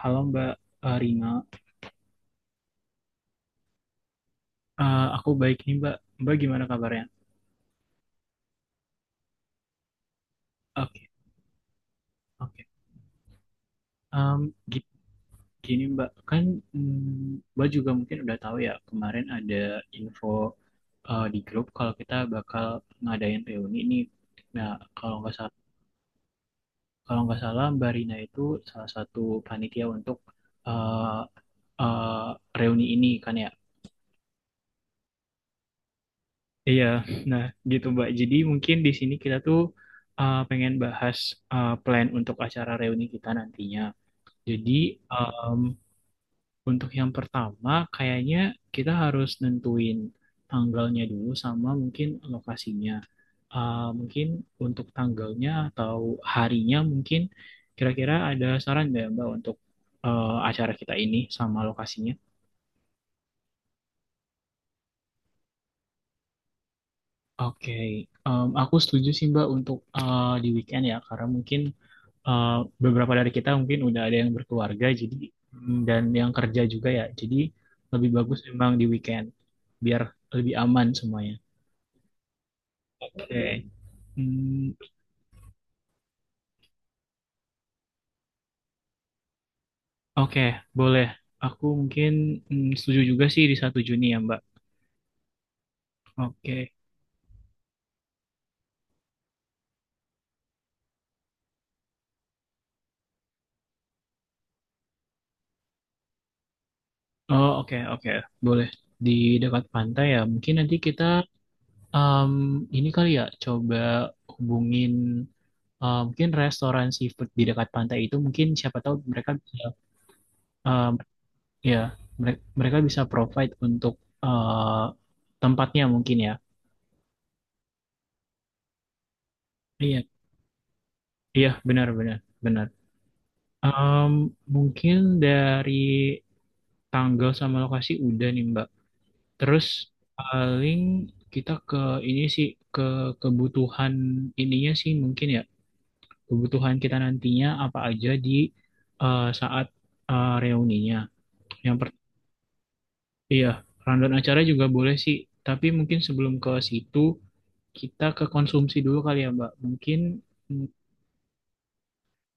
Halo Mbak Rina. Aku baik nih Mbak. Mbak gimana kabarnya? Oke, oke. Em, gi- gini Mbak, kan Mbak juga mungkin udah tahu ya kemarin ada info di grup kalau kita bakal ngadain reuni ini. Nah, kalau nggak salah, kalau nggak salah, Mbak Rina itu salah satu panitia untuk eh, eh, reuni ini kan ya. Iya, nah gitu Mbak. Jadi mungkin di sini kita tuh pengen bahas plan untuk acara reuni kita nantinya. Jadi um, untuk yang pertama kayaknya kita harus nentuin tanggalnya dulu sama mungkin lokasinya. Mungkin untuk tanggalnya atau harinya mungkin kira-kira ada saran nggak Mbak untuk acara kita ini sama lokasinya? Oke, aku setuju sih Mbak untuk di weekend ya, karena mungkin eh, beberapa dari kita mungkin udah ada yang berkeluarga jadi dan yang kerja juga ya. Jadi lebih bagus memang di weekend biar lebih aman semuanya. Oke. Hmm, oke, boleh. Aku mungkin setuju juga sih di satu Juni ya, Mbak. Oke. Oh, oke, oke. Boleh. Di dekat pantai ya. Mungkin nanti kita em, ini kali ya coba hubungin mungkin restoran seafood di dekat pantai itu mungkin siapa tahu mereka bisa ya mereka bisa provide untuk eh, tempatnya mungkin ya. Iya, iya benar benar benar. Em, mungkin dari tanggal sama lokasi udah nih Mbak. Terus paling kita ke ini sih ke kebutuhan ininya sih mungkin ya kebutuhan kita nantinya apa aja di saat reuninya. Yang per iya, rundown acara juga boleh sih, tapi mungkin sebelum ke situ kita ke konsumsi dulu kali ya, Mbak. Mungkin mm,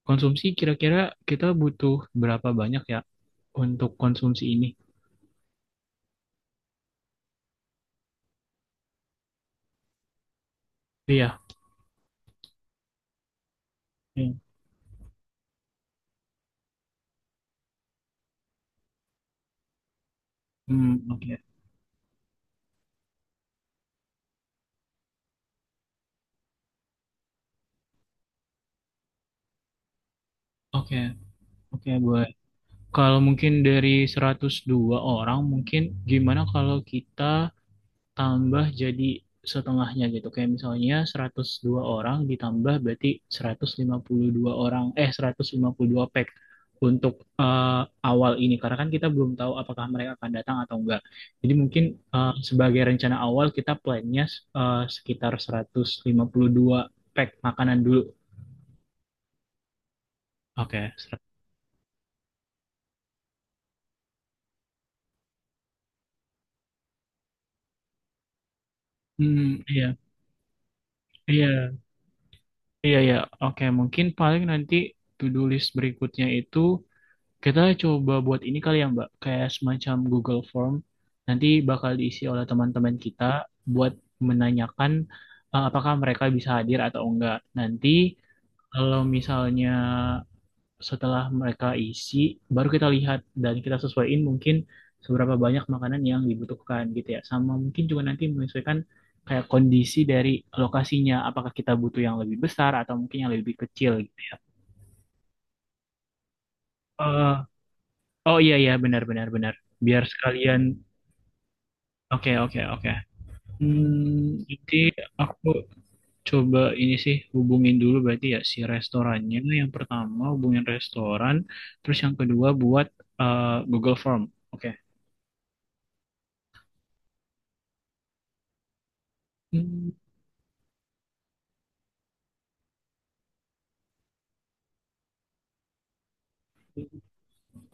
konsumsi kira-kira kita butuh berapa banyak ya untuk konsumsi ini? Iya. Iya. Hmm, oke. Oke, oke, boleh. Kalau mungkin dari 102 orang, mungkin gimana kalau kita tambah jadi setengahnya gitu. Kayak misalnya 102 orang ditambah berarti 152 orang, eh 152 pack untuk eh, awal ini. Karena kan kita belum tahu apakah mereka akan datang atau enggak. Jadi mungkin sebagai rencana awal kita plannya sekitar 152 pack makanan dulu. Oke. Hmm, iya, iya, iya, iya. Oke, mungkin paling nanti to-do list berikutnya itu kita coba buat ini kali ya, Mbak, kayak semacam Google Form. Nanti bakal diisi oleh teman-teman kita buat menanyakan apakah mereka bisa hadir atau enggak. Nanti kalau misalnya setelah mereka isi, baru kita lihat dan kita sesuaiin mungkin seberapa banyak makanan yang dibutuhkan gitu ya. Sama mungkin juga nanti menyesuaikan kayak kondisi dari lokasinya, apakah kita butuh yang lebih besar atau mungkin yang lebih kecil gitu ya. Eh, oh, iya iya benar benar benar. Biar sekalian Oke, oke, oke. Jadi aku coba ini sih hubungin dulu berarti ya si restorannya. Yang pertama hubungin restoran, terus yang kedua buat eh, Google Form. Oke. Hmm,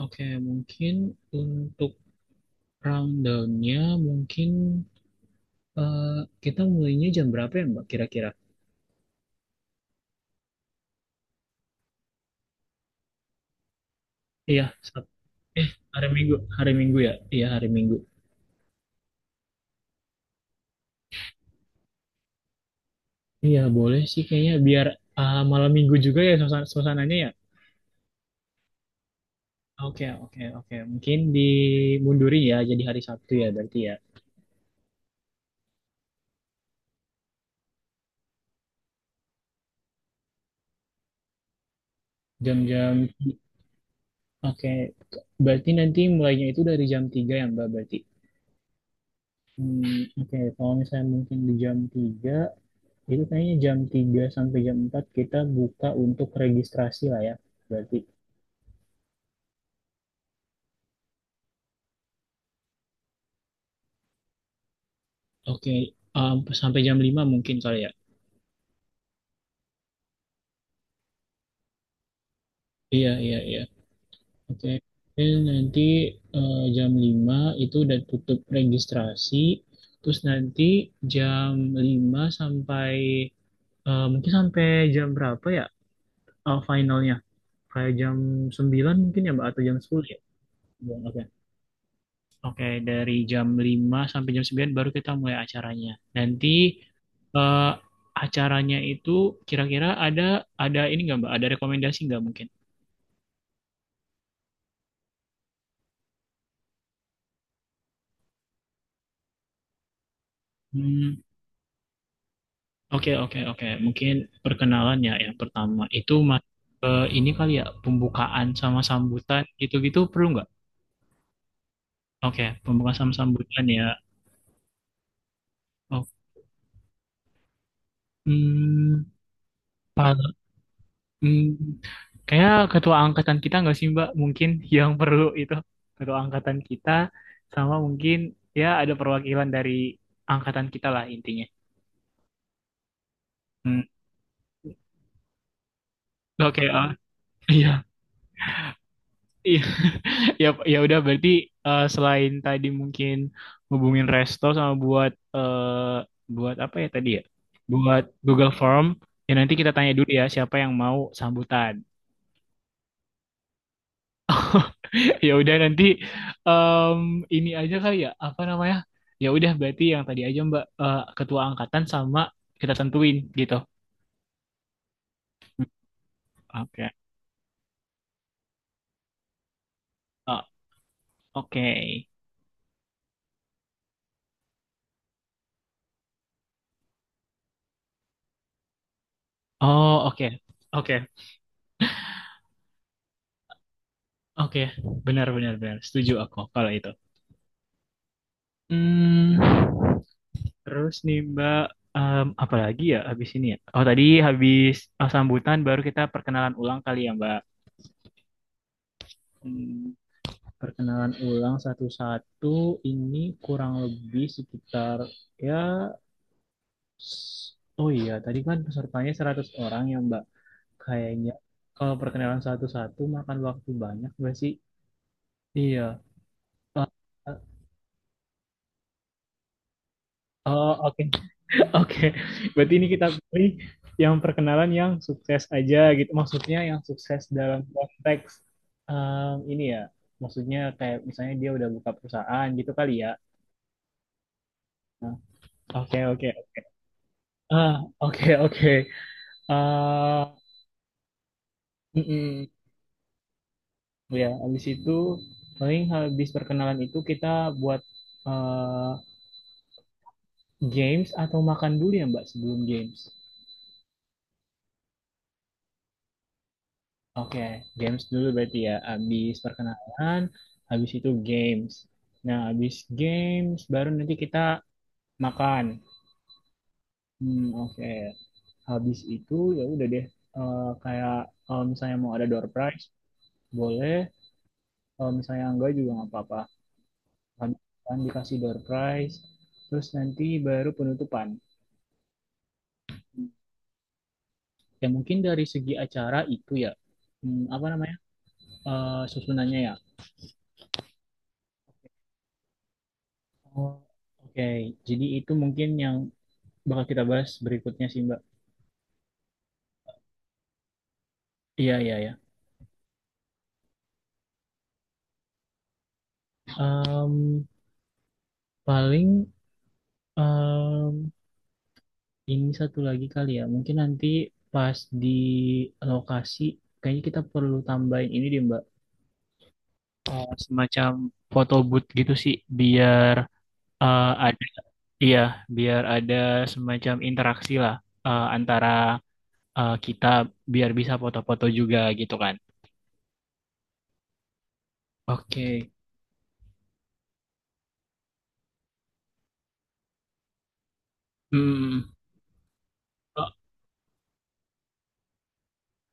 oke, mungkin untuk rundownnya mungkin eh, kita mulainya jam berapa ya Mbak kira-kira? Iya, Sab- eh hari Minggu ya. Iya, hari Minggu. Iya, boleh sih kayaknya biar malam Minggu juga ya suasananya ya. Oke, oke, oke. Mungkin dimundurin ya jadi hari Sabtu ya berarti ya. Jam-jam, oke. Berarti nanti mulainya itu dari jam 3 ya, Mbak, berarti. Hmm, oke, kalau misalnya mungkin di jam 3 itu kayaknya jam 3 sampai jam 4 kita buka untuk registrasi lah ya, berarti. Oke, um, sampai jam 5 mungkin kali ya. Iya, iya, iya. Oke, jadi nanti jam 5 itu udah tutup registrasi, terus nanti jam 5 sampai mungkin sampai jam berapa ya finalnya? Kayak jam 9 mungkin ya Mbak atau jam 10 ya? Ya, oke. Oke, dari jam 5 sampai jam 9 baru kita mulai acaranya. Nanti eh, acaranya itu kira-kira ada ini nggak Mbak? Ada rekomendasi nggak mungkin? Hmm. Oke, oke, oke. Mungkin perkenalan ya yang pertama itu ini kali ya pembukaan sama sambutan gitu-gitu perlu nggak? Oke, pembukaan sama sambutan ya. Oh, hmm, pal- hmm, kayak ketua angkatan kita nggak sih Mbak? Mungkin yang perlu itu ketua angkatan kita sama mungkin ya ada perwakilan dari angkatan kita lah intinya. Hmm, oke, ah, iya, iya. Ya, ya udah berarti selain tadi mungkin hubungin resto sama buat eh, buat apa ya tadi ya? Buat Google Form. Ya nanti kita tanya dulu ya siapa yang mau sambutan. Ya udah nanti em, ini aja kali ya apa namanya? Ya udah berarti yang tadi aja Mbak ketua angkatan sama kita tentuin gitu. Oke. Oh, oke. Oh, oke. Oke. Oke. Benar benar benar. Setuju aku kalau itu. Hmm. Terus nih Mbak, apa lagi ya habis ini ya? Oh tadi habis sambutan baru kita perkenalan ulang kali ya Mbak. Hmm, perkenalan ulang satu-satu ini kurang lebih sekitar ya s- oh iya tadi kan pesertanya 100 orang ya Mbak. Kayaknya kalau perkenalan satu-satu makan waktu banyak nggak sih? Iya. Eh, eh, oh, oke. Oke, berarti ini kita pilih yang perkenalan yang sukses aja gitu. Maksudnya yang sukses dalam konteks ini ya. Maksudnya kayak misalnya dia udah buka perusahaan gitu kali ya. Nah, oke, oke. Ah, oke, oke. Ah, mm-mm. Ya, habis itu paling habis perkenalan itu kita buat eh, games atau makan dulu ya, Mbak, sebelum games. Oke, games dulu berarti ya. Habis perkenalan, habis itu games. Nah, habis games baru nanti kita makan. Hmm, oke. Habis itu ya udah deh. Kayak kalau misalnya mau ada door prize, boleh. Kalau misalnya enggak juga nggak apa-apa. Habis makan dikasih door prize, terus nanti baru penutupan. Ya mungkin dari segi acara itu ya, apa namanya? Susunannya ya. Oh, oke, jadi itu mungkin yang bakal kita bahas berikutnya sih Mbak. Iya iya ya. Paling em, ini satu lagi kali ya. Mungkin nanti pas di lokasi kayaknya kita perlu tambahin ini deh Mbak. Semacam foto booth gitu sih biar ada iya biar ada semacam interaksi lah antara kita biar bisa foto-foto juga gitu kan. Oke. Hmm.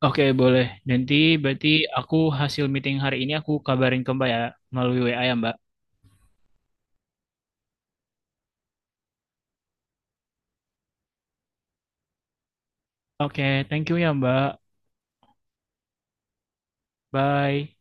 Oke, boleh. Nanti berarti aku hasil meeting hari ini aku kabarin ke Mbak ya melalui WA ya, Mbak. Oke, thank you ya, Mbak. Bye.